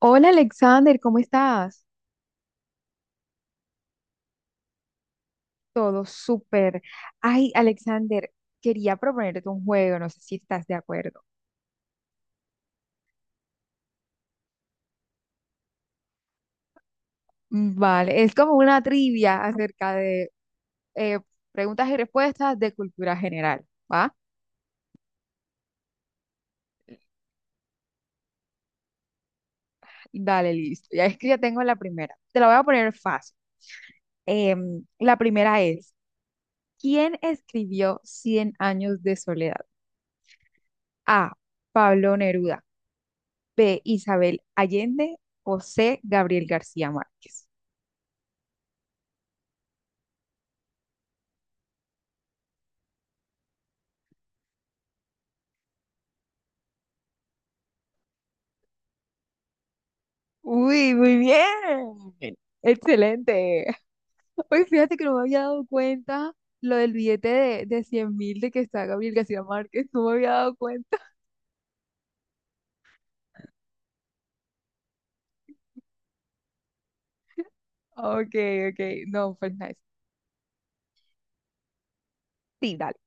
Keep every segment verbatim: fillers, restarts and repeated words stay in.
Hola Alexander, ¿cómo estás? Todo súper. Ay, Alexander, quería proponerte un juego, no sé si estás de acuerdo. Mm, Vale, es como una trivia acerca de eh, preguntas y respuestas de cultura general, ¿va? Dale, listo. Ya es que ya tengo la primera. Te la voy a poner fácil. Em, la primera es, ¿quién escribió Cien años de soledad? A, Pablo Neruda. B, Isabel Allende. O C, Gabriel García Márquez. Uy, muy bien. Excelente. Hoy fíjate que no me había dado cuenta lo del billete de, de cien mil de que está Gabriel García Márquez. No me había dado cuenta. Ok, ok. No, pues nice. Sí, dale.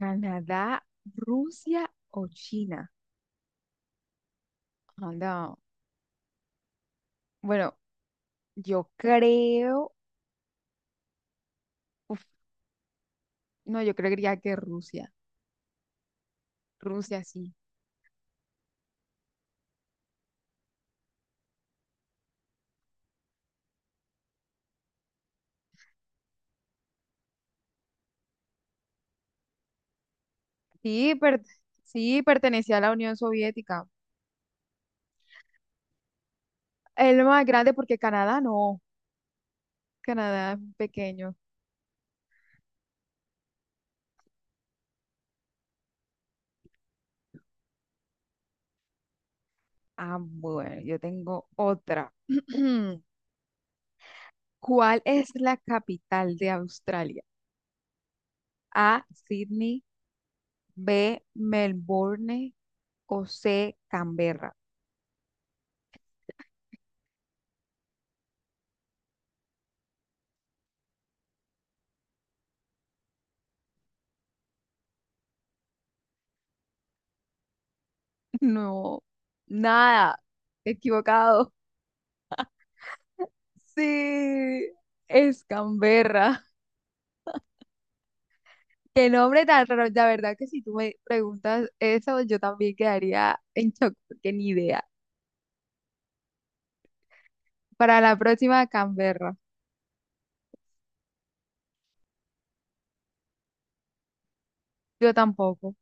Canadá, Rusia o China. Ah, no. Bueno, yo creo. Uf, no, yo creería que Rusia. Rusia sí. Sí, per- sí, pertenecía a la Unión Soviética. El más grande porque Canadá no. Canadá es pequeño. Ah, bueno, yo tengo otra. ¿Cuál es la capital de Australia? A, Sydney, B, Melbourne o C, Canberra. No, nada, equivocado. Sí, es Canberra. Qué nombre tan raro. La verdad que si tú me preguntas eso, yo también quedaría en shock, porque ni idea. Para la próxima, Canberra. Yo tampoco.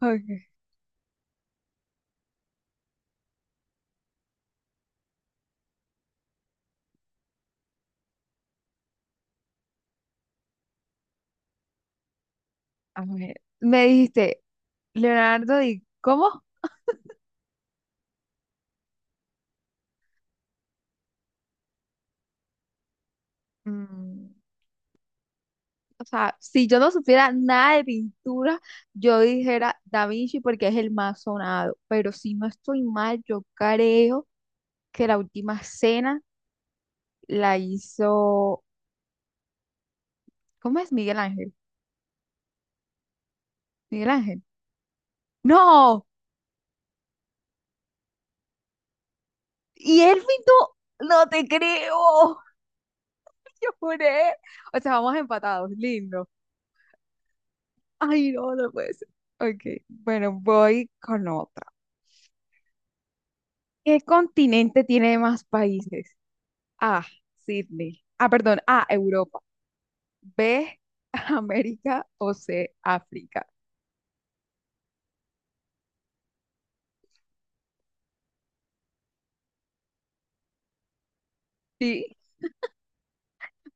Ok, a ver. Me dijiste Leonardo, ¿y cómo? Mm, o sea, si yo no supiera nada de pintura, yo dijera Da Vinci porque es el más sonado. Pero si no estoy mal, yo creo que la última cena la hizo. ¿Cómo es Miguel Ángel? Miguel Ángel. ¡No! ¿Y él pintó? ¡No te creo! Yo juré. O sea, vamos empatados, lindo. Ay, no, no puede ser. Ok, bueno, voy con otra. ¿Qué continente tiene más países? A, Sydney. Ah, perdón, A, Europa. B, América o C, África. Sí,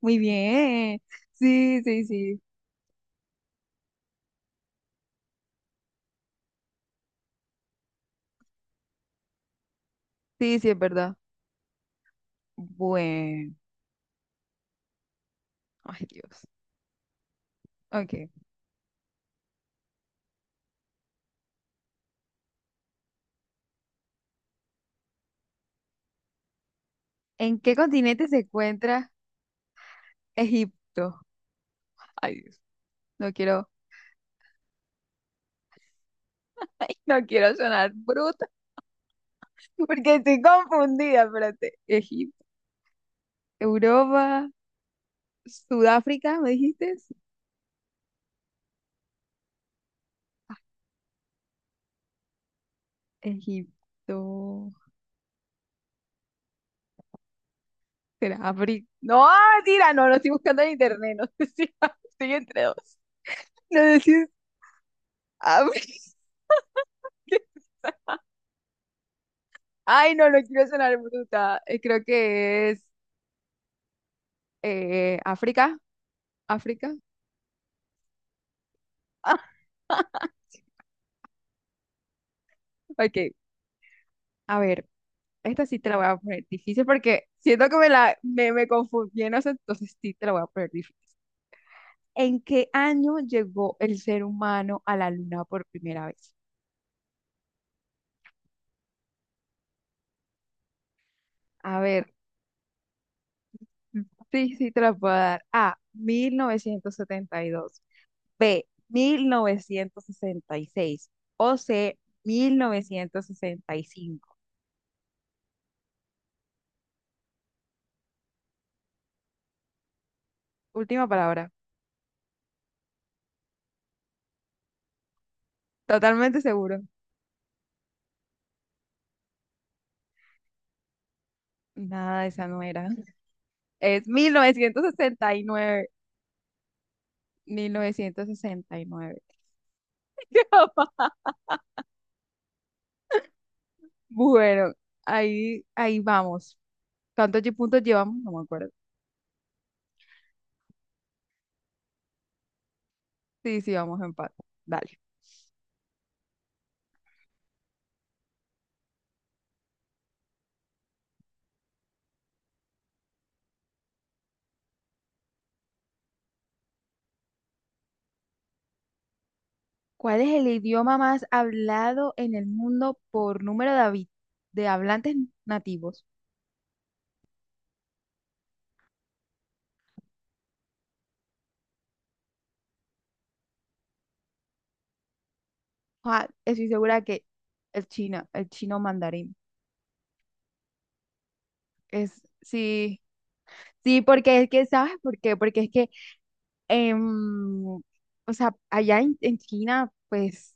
muy bien. Sí, sí, sí. Sí, sí, es verdad. Bueno, ay Dios. Ok. ¿En qué continente se encuentra Egipto? Ay Dios. No quiero, no quiero sonar bruta porque estoy confundida, espérate. Egipto, Europa, Sudáfrica, ¿me dijiste? Sí. Egipto. Será Brit. No, mentira, no, no estoy buscando en internet, no sé si estoy entre dos. No sé si es Abri- Ay, no, no quiero sonar bruta. Eh, Creo que es eh, África, África. Ah, ok, a ver, esta sí te la voy a poner difícil porque siento que me la me, me confundí en eso, entonces sí te la voy a poner difícil. ¿En qué año llegó el ser humano a la luna por primera vez? A ver, sí, sí te la puedo dar. A, mil novecientos setenta y dos. B, mil novecientos sesenta y seis, o C, mil novecientos sesenta y cinco. Última palabra. Totalmente seguro. Nada, esa no era. Es mil mil novecientos novecientos sesenta sesenta y nueve, mil novecientos sesenta y nueve. Bueno, ahí, ahí vamos. ¿Cuántos lle- puntos llevamos? No me acuerdo. Sí, sí, vamos a empate. Dale. ¿Cuál es el idioma más hablado en el mundo por número de, habi- de hablantes nativos? Juan, estoy segura que el chino, el chino mandarín. Es, sí, sí, porque es que, ¿sabes por qué? Porque es que, em, o sea, allá en, en China, pues,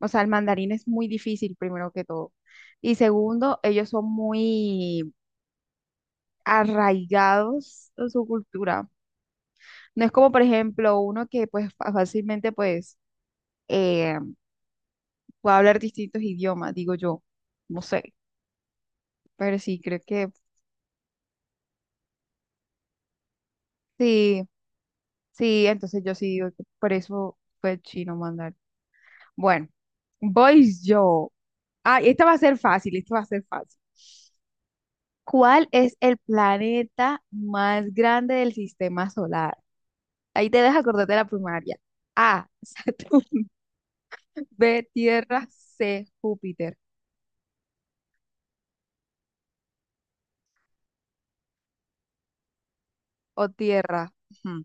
o sea, el mandarín es muy difícil, primero que todo. Y segundo, ellos son muy arraigados en su cultura. No es como, por ejemplo, uno que, pues, fa- fácilmente, pues, eh, puede hablar distintos idiomas, digo yo. No sé, pero sí, creo que sí. Sí, entonces yo sí digo que por eso fue chino mandar. Bueno, voy yo. Ah, esta va a ser fácil, esta va a ser fácil. ¿Cuál es el planeta más grande del sistema solar? Ahí te dejas acordar de la primaria. A, Saturno, B, Tierra, C, Júpiter o Tierra. Ujú.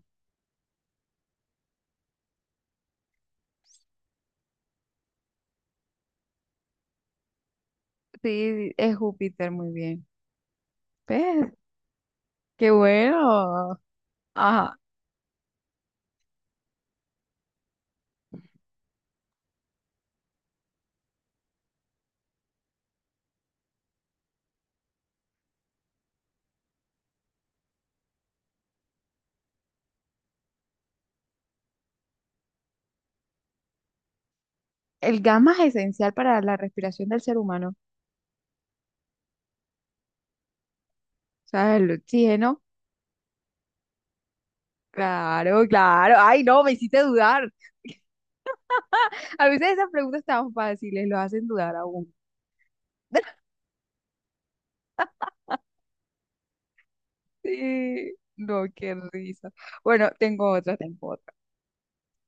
Sí, es Júpiter, muy bien. ¿Ves? Qué bueno. Ajá. El gamma es esencial para la respiración del ser humano. O sea, el oxígeno. Claro, claro. Ay, no, me hiciste dudar. A veces esas preguntas tan fáciles lo hacen dudar aún. Sí. No, qué risa. Bueno, tengo otra, tengo otra.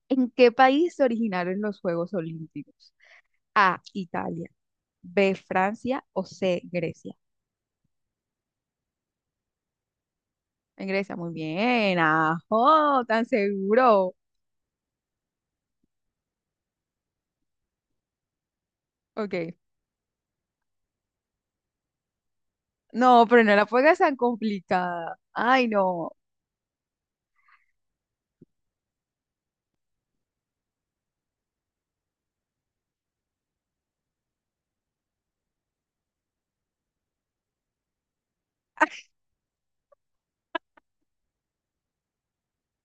¿En qué país se originaron los Juegos Olímpicos? A, Italia, B, Francia o C, Grecia. En Grecia, muy bien. Ajo, tan seguro. Ok. No, pero no la pongas tan complicada. Ay, no.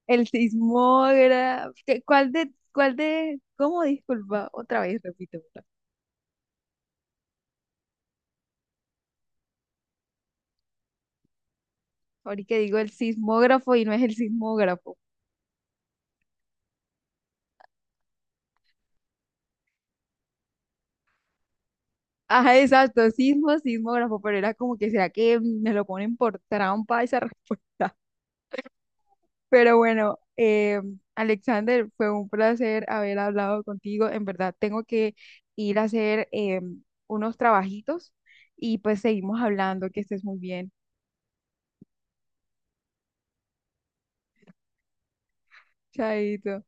El sismógrafo. ¿Qué- ¿Cuál de, cuál de, cómo? Disculpa, otra vez, repito. Ahorita digo el sismógrafo y no es el sismógrafo. Ajá, exacto, sismo, sismógrafo, pero era como que, ¿será que me lo ponen por trampa esa respuesta? Pero bueno, eh, Alexander, fue un placer haber hablado contigo. En verdad, tengo que ir a hacer eh, unos trabajitos y pues seguimos hablando, que estés muy bien. Chaito.